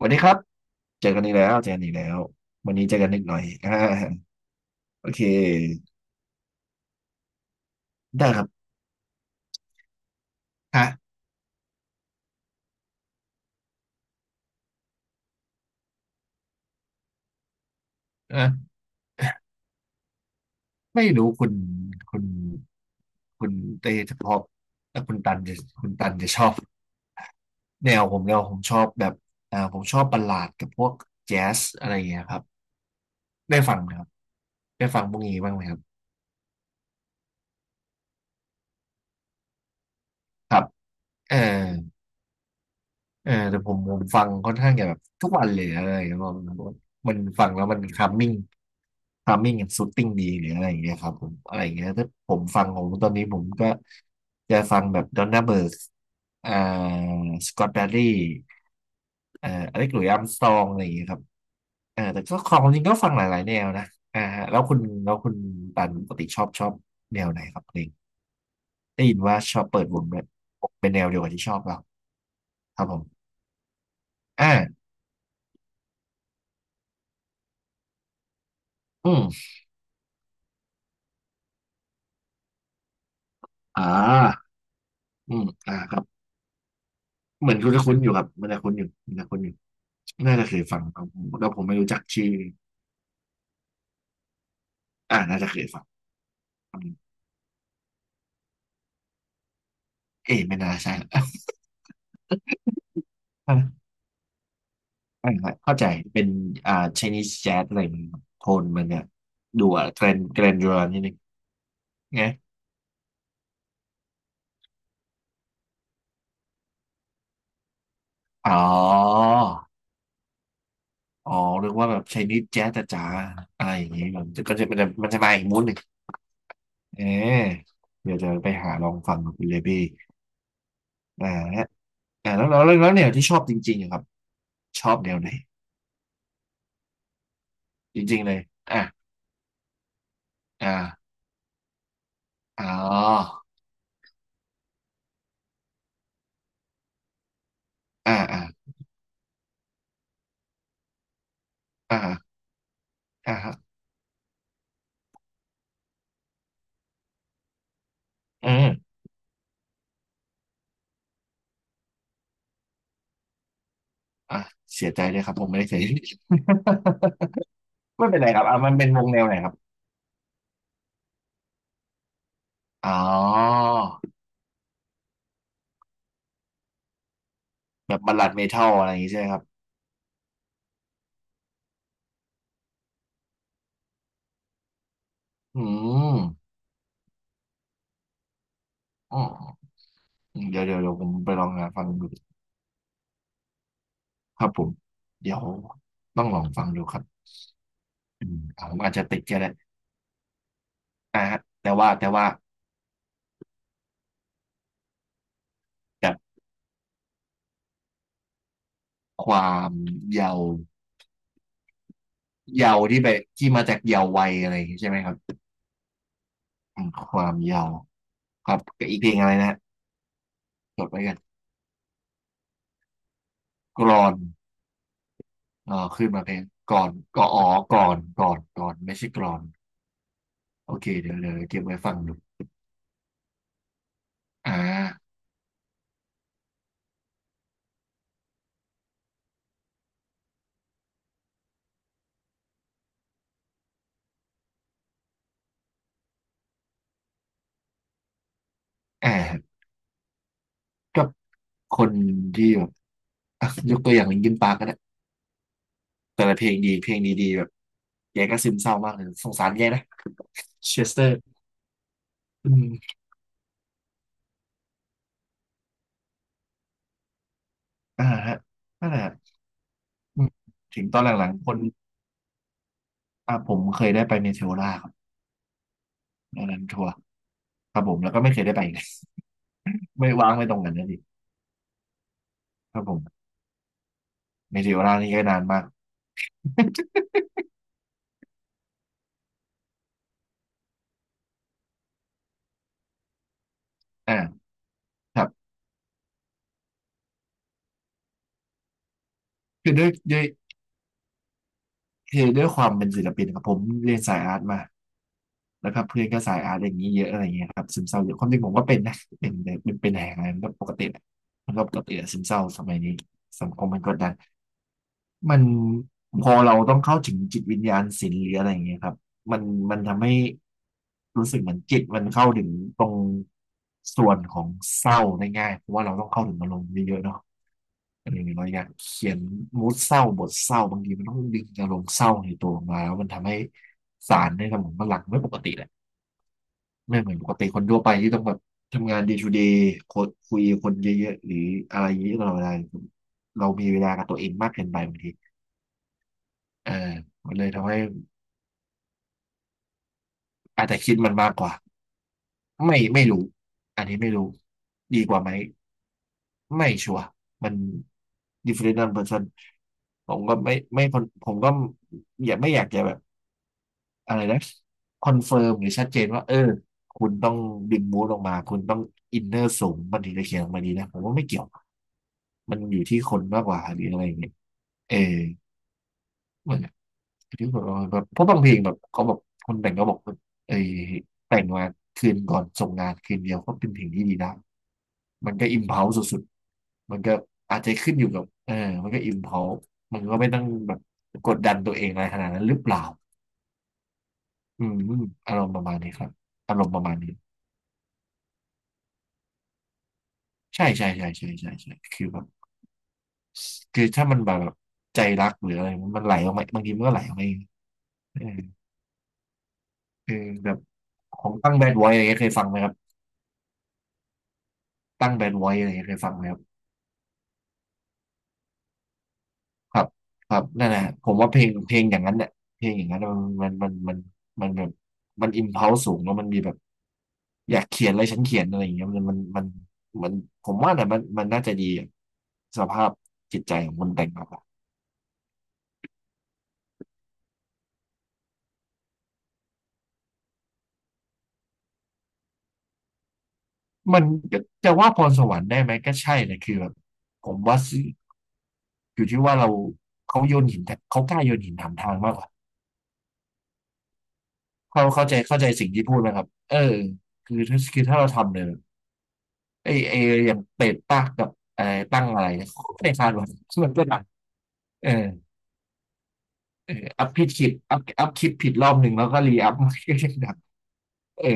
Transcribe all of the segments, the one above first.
วันนี้ครับเจอกันอีกแล้วเจอกันอีกแล้ววันนี้เจอกันนิดหน่อยโอเคได้ครับฮะเออไม่รู้คุณคุณเต้จะพอบแต่คุณตันจะชอบแนวผมชอบแบบผมชอบบัลลาดกับพวกแจ๊สอะไรอย่างเงี้ยครับได้ฟังไหมครับได้ฟังพวกนี้บ้างไหมครับครับเออ เออแต่ผมฟังค่อนข้างจะแบบทุกวันเลยอะไรอย่างเงี้ยมันมันฟังแล้วมันคัมมิ่งคัมมิ่งกับซูตติ้งดีหรืออะไรอย่างเงี้ยครับผมอะไรอย่างเงี้ยถ้าผมฟังของตอนนี้ผมก็จะฟังแบบดอนน่าเบิร์กอ่าสกอตแบรดี่อเล็กหลุยส์อาร์มสตรองอะไรอย่างเงี้ยครับเออแต่ก็ของจริงก็ฟังหลายๆแนวนะอ่าฮะแล้วคุณตันปกติชอบแนวไหนครับเพลงได้ยินว่าชอบเปิดวงด้วยเป็นแนวเดียวกับที่ชอบเราครับผมอ่าอืมอ่า อืมอ่าครับเหมือนคุณจะคุ้นอยู่ครับมันจะคุ้นอยู่มันจะคุ้นอยู่น่าจะเคยฟังครับผมแล้วผมไม่รู้จักชื่ออ่าน่าจะเคยฟังอืมเอ๊ะไม่น่าใช่ละ อ่ะอ่าเข้าใจเป็นอ่า Chinese Jazz อะไรมันโทนมันเนี่ยดูอ่ะแกรนแกรนจูรานิดนึงไงอ๋ออ๋อเรียกว่าแบบ Chinese Jazz จ๋าๆอะไรอย่างงี้มันก็จะมันจะมาอีกมูดหนึ่งเออเดี๋ยวจะไปหาลองฟังกับคุณเลบี้อ่าฮะอ่าแล้วแนวที่ชอบจริงๆอะครับชอบแนวไหน จริงๆเลยอ่ะอ่าอ๋ออ่าอ่าอ่าอ่าครับอืมอ่ะเสียใจด้วยครับผมไม่ได้เสีย ไม่เป็นไรครับอ่ะมันเป็นวงแนวไหนครับอ๋อแบบบัลลัดเมทัลอะไรอย่างงี้ใช่ไหมครับอืมอ๋อเดี๋ยวผมไปลองหาฟังดูครับผมเดี๋ยวต้องลองฟังดูครับอืมอ่ะผมอาจจะติดก็ได้อ่ะฮะแต่ว่าแบบความเยาว์เยาว์ที่ไปที่มาจากเยาว์วัยอะไรอย่างงี้ใช่ไหมครับอืมความเยาว์ ครับกับอีกเพลงอะไรนะฮะจดไว้กัน กรอนอ่าขึ้นมาเพลงก่อนก็อ๋อก่อน ไม่ใช่กรอน โอเค เดี๋ยวเก็บไว้ฟังดูอ่าอ่าก็คนที่แบบอ่ะยกตัวอย่างลิงคินปาร์กก็ได้แต่ละเพลงดีเพลงดีๆแบบแกก็ซึมเศร้ามากเลยสงสารแกนะเชสเตอร์อืมอ่าฮะนั่นแหละอืมถึงตอนหลังๆคนอ่าผมเคยได้ไปเนเทโอล่าครับตอนนั้นทัวร์ครับผมแล้วก็ไม่เคยได้ไปอีก ไม่ว่างไม่ตรงกันนะดิครับผมเนเทโอล่านี่ก็นานมาก อ่าครับคือด้วยด้วยคือด้วยความเป็นศิลปินครับผมเรียนสายอาร์ตมาแล้วครับเพื่อนก็สายอาร์ตอย่างนี้เยอะอะไรเงี้ยครับซึมเศร้าเยอะความจริงผมก็เป็นนะเป็นแหงอะไรมันก็ปกติแหละมันก็ปกติอะซึมเศร้าสมัยนี้สังคมมันกดดันมันพอเราต้องเข้าถึงจิตวิญญาณศิลป์หรืออะไรอย่างเงี้ยครับมันมันทำให้รู้สึกเหมือนจิตมันเข้าถึงตรงส่วนของเศร้าได้ง่ายเพราะว่าเราต้องเข้าถึงอารมณ์เยอะๆเนาะ เออเราอยากเขียนมูดเศร้าบทเศร้าบางทีมันต้องดึงอารมณ์เศร้าในตัวออกมาแล้วมันทำให้สารในสมองมันหลั่งไม่ปกติแหละไม่เหมือนปกติคนทั่วไปที่ต้องแบบทำงาน day to day คนคุยกับคนเยอะๆหรืออะไรเยอะตลอดเวลาเรามีเวลากับตัวเองมากเกินไปบางทีเออมันเลยทำให้อาจจะคิดมันมากกว่าไม่รู้อันนี้ไม่รู้ดีกว่าไหมไม่ชัวร์มัน different person ผมก็ไม่ผมก็อย่าไม่อยากจะแบบ อะไรนะคอนเฟิร์มหรือชัดเจนว่าเออคุณต้องดึงมูดออกมาคุณต้องอินเนอร์สูงมันถึงจะเขียนออกมาดีนะผมว่าไม่เกี่ยวมันอยู่ที่คนมากกว่าหรืออะไรอย่างเงี้ยเออเหมือนที่ผมแบบเพราะบางเพลงแบบเขาบอกคนแต่งก็บอกว่าเออแต่งมาคืนก่อนส่งงานคืนเดียวก็เป็นเพลงที่ดีนะมันก็อิมพ l ลสสุดๆมันก็อาจจะขึ้นอยู่กับเออมันก็อิมพ l ลมันก็ไม่ต้องแบบกดดันตัวเองอะไรขนาดนั้นหรือเปล่าอืมอารมณ์ประมาณนี้ครับอารมณ์ประมาณนี้ ใช่ใช่ใช่ใช่ใช่ใช่คือแบบคือถ้ามันแบบแบบใจรักหรืออะไรมันมันไหลออกมาบางทีมันก็ไหลออกมาเองเออเออแบบของตั้งแบดไว้อะไรเงี้ยเคยฟังไหมครับตั้งแบดไว้อะไรเงี้ยเคยฟังไหมครับครับครับนั่นแหละผมว่าเพลงเพลงอย่างนั้นเนี่ยเพลงอย่างนั้นน่ะมันมันมันมันมันแบบมันอิมพัลสูงแล้วมันมีแบบอยากเขียนอะไรฉันเขียนอะไรอย่างเงี้ยมันมันมันมันผมว่าเนี่ยมันมันน่าจะดีอะสภาพจิตใจของคนแต่งแาก่มันจะว่าพรสวรรค์ได้ไหมก็ใช่นะคือแบบผมว่า อยู่ที่ว่าเราเขาโยนหินแต่เขากล้าโยนหินถามทางมากกว่าเขาเข้าใจเข้าใจสิ่งที่พูดไหมครับคือถ้าคือถ้าเราทำเนี่ยไอไออย่างเปรดปากกับไออตั้งอะไรเนี่ยเขาก็ไม่ได้คาดหวังมันก็ดังเออเอออัพผิดคลิปอัพอัพคลิปผิดรอบหนึ่งแล้วก็รีอัพมันก็ยังดัง เออ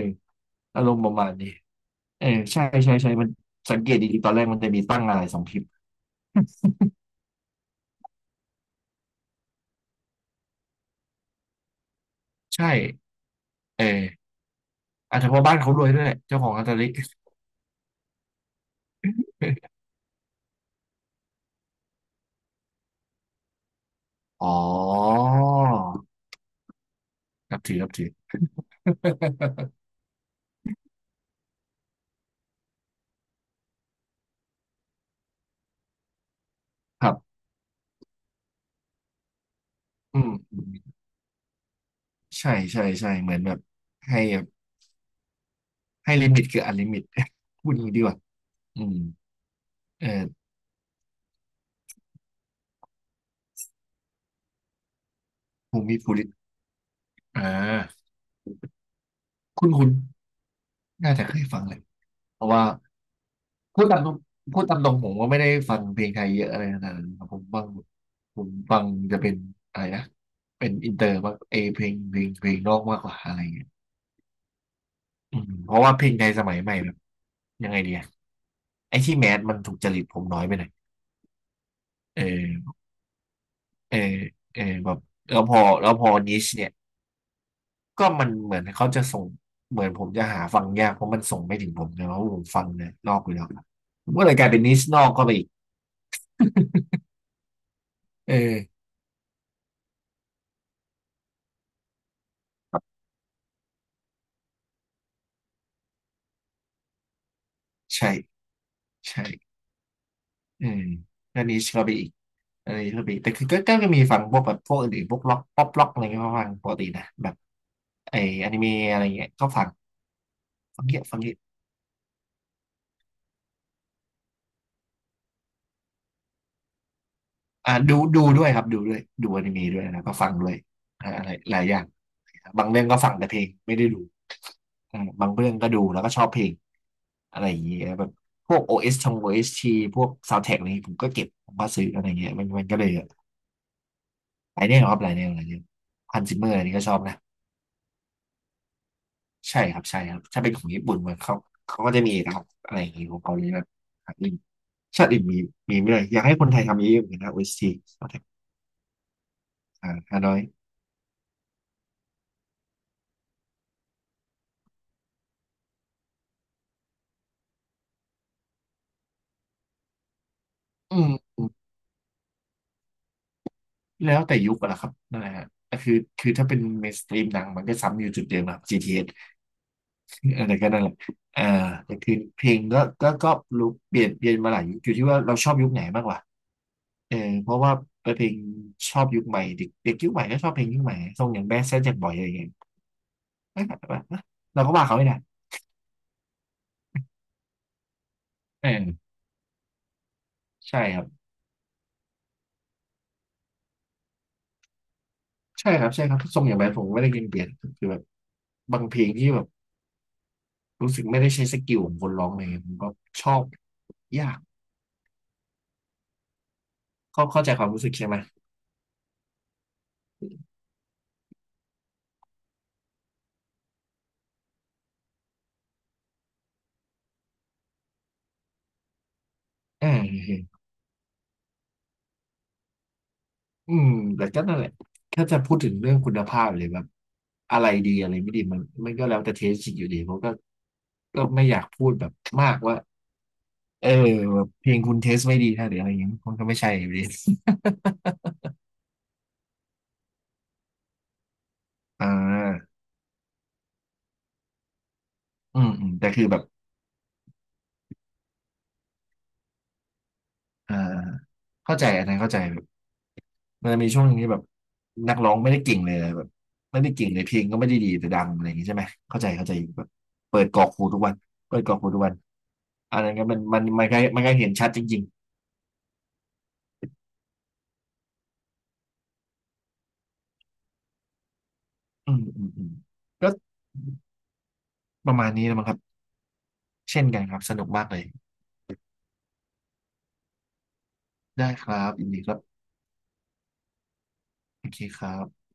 อารมณ์ประมาณนี้เออใช่ใช่ใช่มันสังเกตดีๆตอนแรกมันจะมีตั้งอะไรสองคลิปใช่เอออาจจะเพราะบ้านเขารวยด้วยแหละเจ้าของอัตลิี อ๋อนับถือนับถือ ครับอืมอใช่ใช่ใช่เหมือนแบบให้แบบให้ลิมิตคืออันลิมิต พูดอย่างนี้ดีกว่าอืมเออภูมิภูริตอ่าคุณคุณน่าจะเคยฟังเลยเพราะว่าพูดตามตรงพูดตามตรงผมว่าไม่ได้ฟังเพลงไทยเยอะอะไรขนาดนั้นครับผมฟังผมฟังจะเป็นอะไรนะเป็นอินเตอร์มากเออเพลงเพลงเพลงนอกมากกว่าอะไรเงี้ยอืมเพราะว่าเพลงไทยสมัยใหม่แบบยังไงดีอะไอ้ที่แมสมันถูกจริตผมน้อยไปหน่อยเออ เออเออแบบแล้วพอแล้วพอนิชเนี่ยก็มันเหมือนเขาจะส่งเหมือนผมจะหาฟังยากเพราะมันส่งไม่ถึงผมนะเพราะผมฟังเนี่ยนอกอยู่แล้วผมก็เลยกลายเป็นนิชนอกก็ไปอีกเออใช่ใช่เออแล้วนิชก็ไปอีกอันนี้ก็ไปอีกแต่คือก็ก็ก็มีฟังพวกแบบพวกอื่นๆพวกล็อกป๊อปล็อกอะไรเงี้ยก็ฟังปกตินะแบบไออนิเมะอะไรเงี้ยก็ฟังฟังเยอะฟังเยอะอ่าดูดูด้วยครับดูด้วยดูอนิเมะด้วยนะก็ฟังด้วยอ่าอะไรหลายอย่างบางเรื่องก็ฟังแต่เพลงไม่ได้ดู อ่าบางเรื่องก็ดูแล้วก็ชอบเพลงอะไรอย่างเงี้ยแบบพวก OS ชงโอเอส s t พวกซาว n d t ท a c k อะไรอย่างเงี้ยผมก็เก็บผมก็ซื้ออะไรเงี้ยมันมันก็เลยหลายแนวครับหลายแนวหลายแนวฮันซิเมอร์อันนี้ก็ชอบนะใช่ครับใช่ครับถ้าเป็นของญี่ปุ่นมันเขาเขาก็จะมีนะครับอะไรอย่างเงี้ยของเกาหลีแบบอื่ชาติอื่นมีมีไม่เลยอยากให้คนไทยทำเยอะๆเหมือนกันนะ OST ซาวดท็กอ่าฮานอยอืมอืมแล้วแต่ยุคอะนะครับนั่นแหละฮะแต่คือคือถ้าเป็นเมนสตรีมหนังมันก็ซ้ำอยู่จุดเดิมนะครับจีทีเอส อะไรก็นั่นแหละอ่าแต่คือเพลงก็ก็ก็รู้เปลี่ยนเปลี่ยนมาหลายยุคอยู่ที่ว่าเราชอบยุคไหนมากกว่าเออเพราะว่าเพลงชอบยุคใหม่เด็กเด็กยุคใหม่ก็ชอบเพลงยุคใหม่ทรงอย่างแบดแซดแจ็คบอยอะไรอย่างเงี้ยแบบว่าะเราก็ว่าเขาไม่ได้เออใช่ครับใช่ครับใช่ครับทรงอย่างแบดผมไม่ได้ยินเปลี่ยนคือแบบบางเพลงที่แบบรู้สึกไม่ได้ใช้สกิลของคนร้องเลยผมก็ชอบยากก็เข้าใจความรู้สึกใช่ไหมเออ อืมแต่ก็นั่นแหละถ้าจะพูดถึงเรื่องคุณภาพเลยแบบอะไรดีอะไรไม่ดีมันมันก็แล้วแต่เทสอีกอยู่ดีเพราะก็ก็ไม่อยากพูดแบบมากว่าเออแบบเพลงคุณเทสไม่ดีนะหรืออะไรอย่างเงี้ยมันก็ไม่ใช่ อยู่ดีอ่าอืมอืมแต่คือแบบอ่าเข้าใจอันนั้นเข้าใจแบบมันจะมีช่วงหนึงที่แบบนักร้องไม่ได้เก่งเลยแบบไม่ได้เก่งเลยเพลงก็ไม่ได้ดีแต่ดังอะไรอย่างงี้ใช่ไหมเข้าใจเข้าใจแบบเปิดกรอกหูทุกวันเปิดกรอกหูทุกวันอันนั้นก็มันมันมันก็มันก็เห็นชัดจริงๆ อืมอืมอืมก็ประมาณนี้นะครับเช่นกันครับสนุกมากเลยได้ครับยินดีครับโอเคครับ